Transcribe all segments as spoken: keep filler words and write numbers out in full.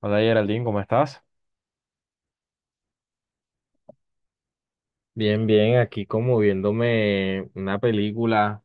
Hola, Geraldine, ¿cómo estás? Bien, bien, aquí como viéndome una película.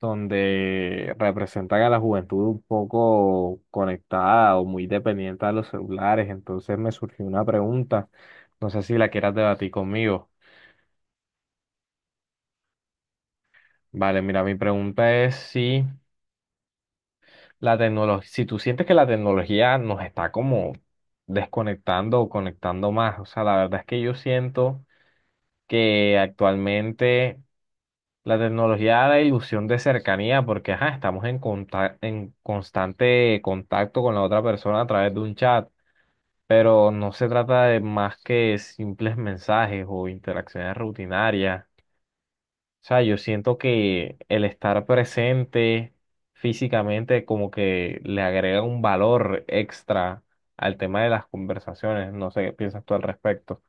Donde representan a la juventud un poco conectada o muy dependiente a los celulares. Entonces me surgió una pregunta, no sé si la quieras debatir conmigo. Vale, mira, mi pregunta es si la tecnología, si tú sientes que la tecnología nos está como desconectando o conectando más. O sea, la verdad es que yo siento que actualmente la tecnología da la ilusión de cercanía porque ajá, estamos en, conta- en constante contacto con la otra persona a través de un chat, pero no se trata de más que simples mensajes o interacciones rutinarias. O sea, yo siento que el estar presente físicamente como que le agrega un valor extra al tema de las conversaciones. No sé qué piensas tú al respecto.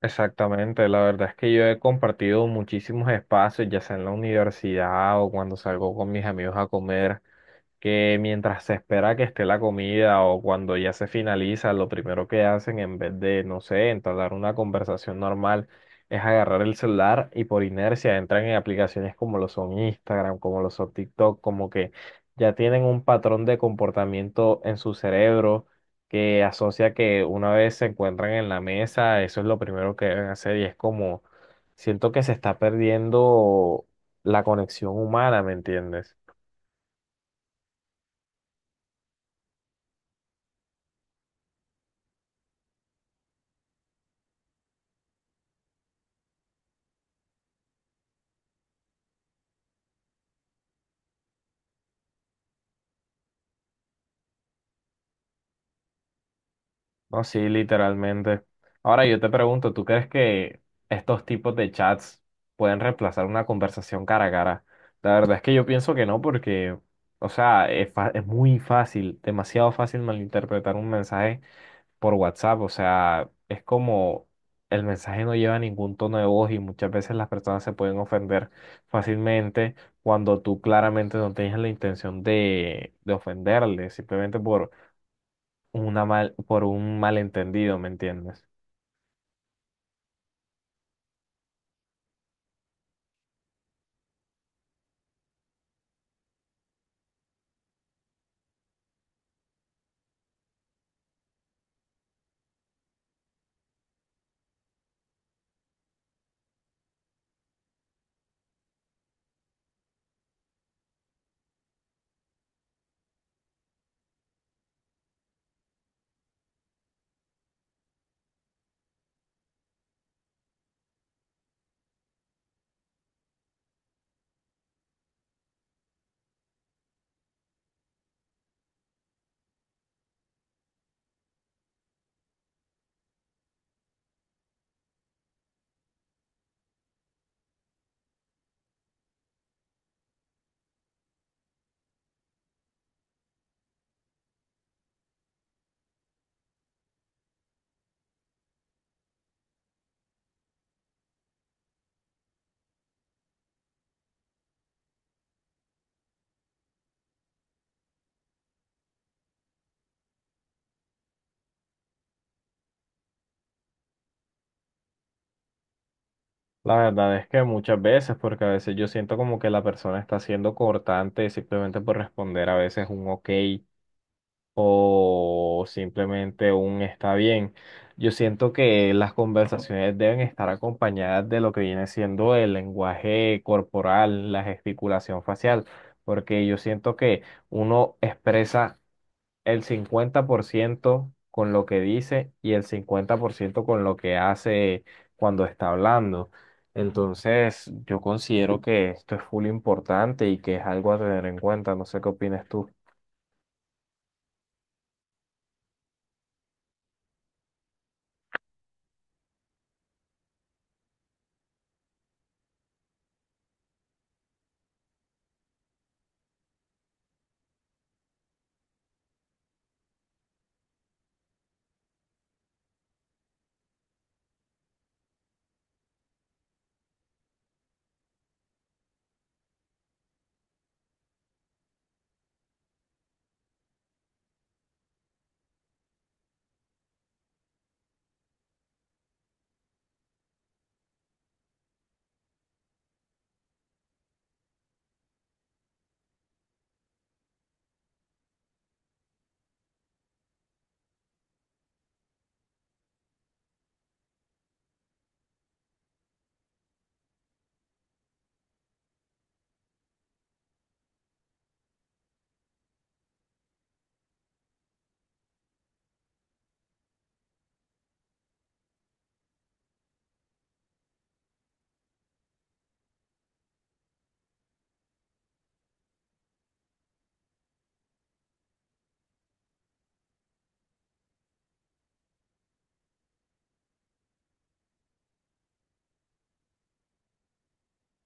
Exactamente, la verdad es que yo he compartido muchísimos espacios, ya sea en la universidad o cuando salgo con mis amigos a comer, que mientras se espera que esté la comida o cuando ya se finaliza, lo primero que hacen en vez de, no sé, entablar una conversación normal, es agarrar el celular y por inercia entran en aplicaciones como lo son Instagram, como lo son TikTok, como que ya tienen un patrón de comportamiento en su cerebro que asocia que una vez se encuentran en la mesa, eso es lo primero que deben hacer y es como, siento que se está perdiendo la conexión humana, ¿me entiendes? No, sí, literalmente. Ahora yo te pregunto, ¿tú crees que estos tipos de chats pueden reemplazar una conversación cara a cara? La verdad es que yo pienso que no, porque, o sea, es, fa- es muy fácil, demasiado fácil malinterpretar un mensaje por WhatsApp. O sea, es como el mensaje no lleva ningún tono de voz y muchas veces las personas se pueden ofender fácilmente cuando tú claramente no tienes la intención de, de ofenderle, simplemente por una mal, por un malentendido, ¿me entiendes? La verdad es que muchas veces, porque a veces yo siento como que la persona está siendo cortante simplemente por responder a veces un ok o simplemente un está bien. Yo siento que las conversaciones deben estar acompañadas de lo que viene siendo el lenguaje corporal, la gesticulación facial, porque yo siento que uno expresa el cincuenta por ciento con lo que dice y el cincuenta por ciento con lo que hace cuando está hablando. Entonces, yo considero que esto es full importante y que es algo a tener en cuenta. No sé qué opinas tú.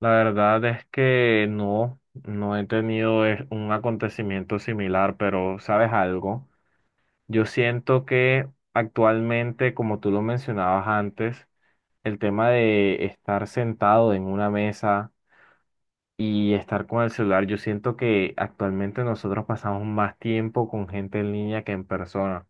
La verdad es que no, no he tenido eh, un acontecimiento similar, pero ¿sabes algo? Yo siento que actualmente, como tú lo mencionabas antes, el tema de estar sentado en una mesa y estar con el celular. Yo siento que actualmente nosotros pasamos más tiempo con gente en línea que en persona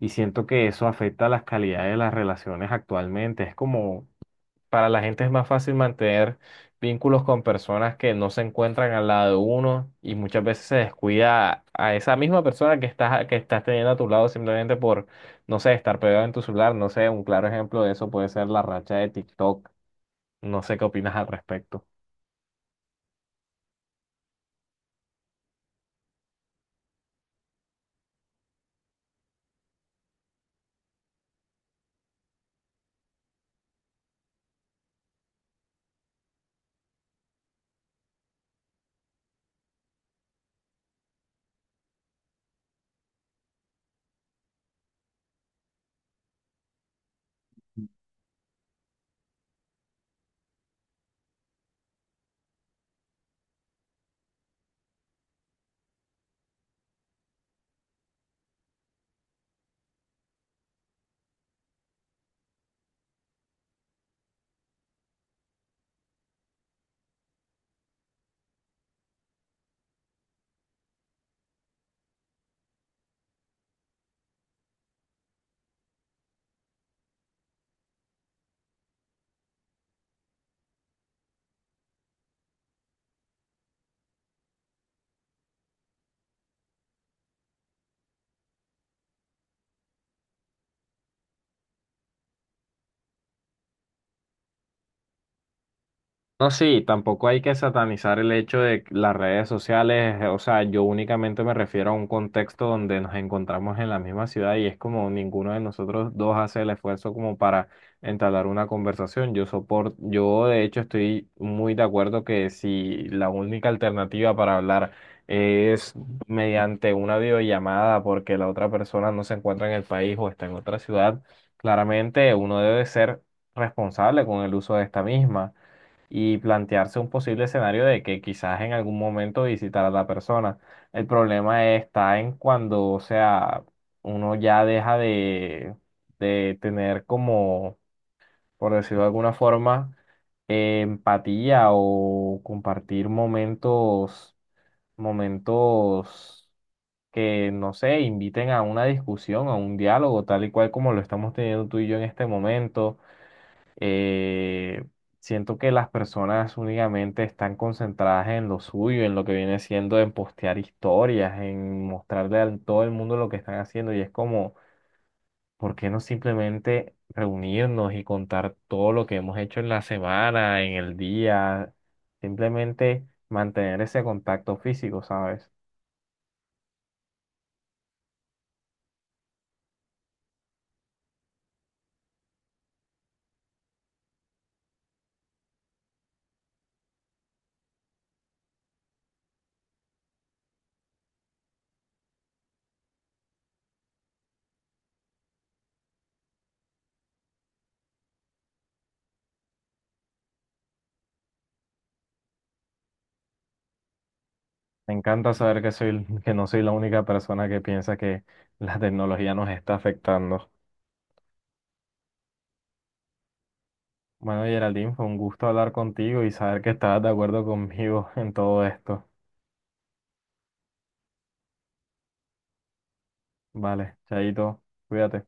y siento que eso afecta las calidades de las relaciones actualmente. Es como para la gente es más fácil mantener vínculos con personas que no se encuentran al lado de uno y muchas veces se descuida a esa misma persona que estás, que estás teniendo a tu lado simplemente por, no sé, estar pegado en tu celular. No sé, un claro ejemplo de eso puede ser la racha de TikTok. No sé qué opinas al respecto. No, sí, tampoco hay que satanizar el hecho de que las redes sociales, eh, o sea, yo únicamente me refiero a un contexto donde nos encontramos en la misma ciudad y es como ninguno de nosotros dos hace el esfuerzo como para entablar una conversación. Yo soporto, yo de hecho estoy muy de acuerdo que si la única alternativa para hablar es mediante una videollamada porque la otra persona no se encuentra en el país o está en otra ciudad, claramente uno debe ser responsable con el uso de esta misma y plantearse un posible escenario de que quizás en algún momento visitar a la persona. El problema está en cuando, o sea, uno ya deja de, de tener como, por decirlo de alguna forma, eh, empatía o compartir momentos, momentos que, no sé, inviten a una discusión, a un diálogo, tal y cual como lo estamos teniendo tú y yo en este momento. eh, Siento que las personas únicamente están concentradas en lo suyo, en lo que viene siendo en postear historias, en mostrarle a todo el mundo lo que están haciendo y es como, ¿por qué no simplemente reunirnos y contar todo lo que hemos hecho en la semana, en el día? Simplemente mantener ese contacto físico, ¿sabes? Me encanta saber que soy, que no soy la única persona que piensa que la tecnología nos está afectando. Bueno, Geraldine, fue un gusto hablar contigo y saber que estabas de acuerdo conmigo en todo esto. Vale, Chaito, cuídate.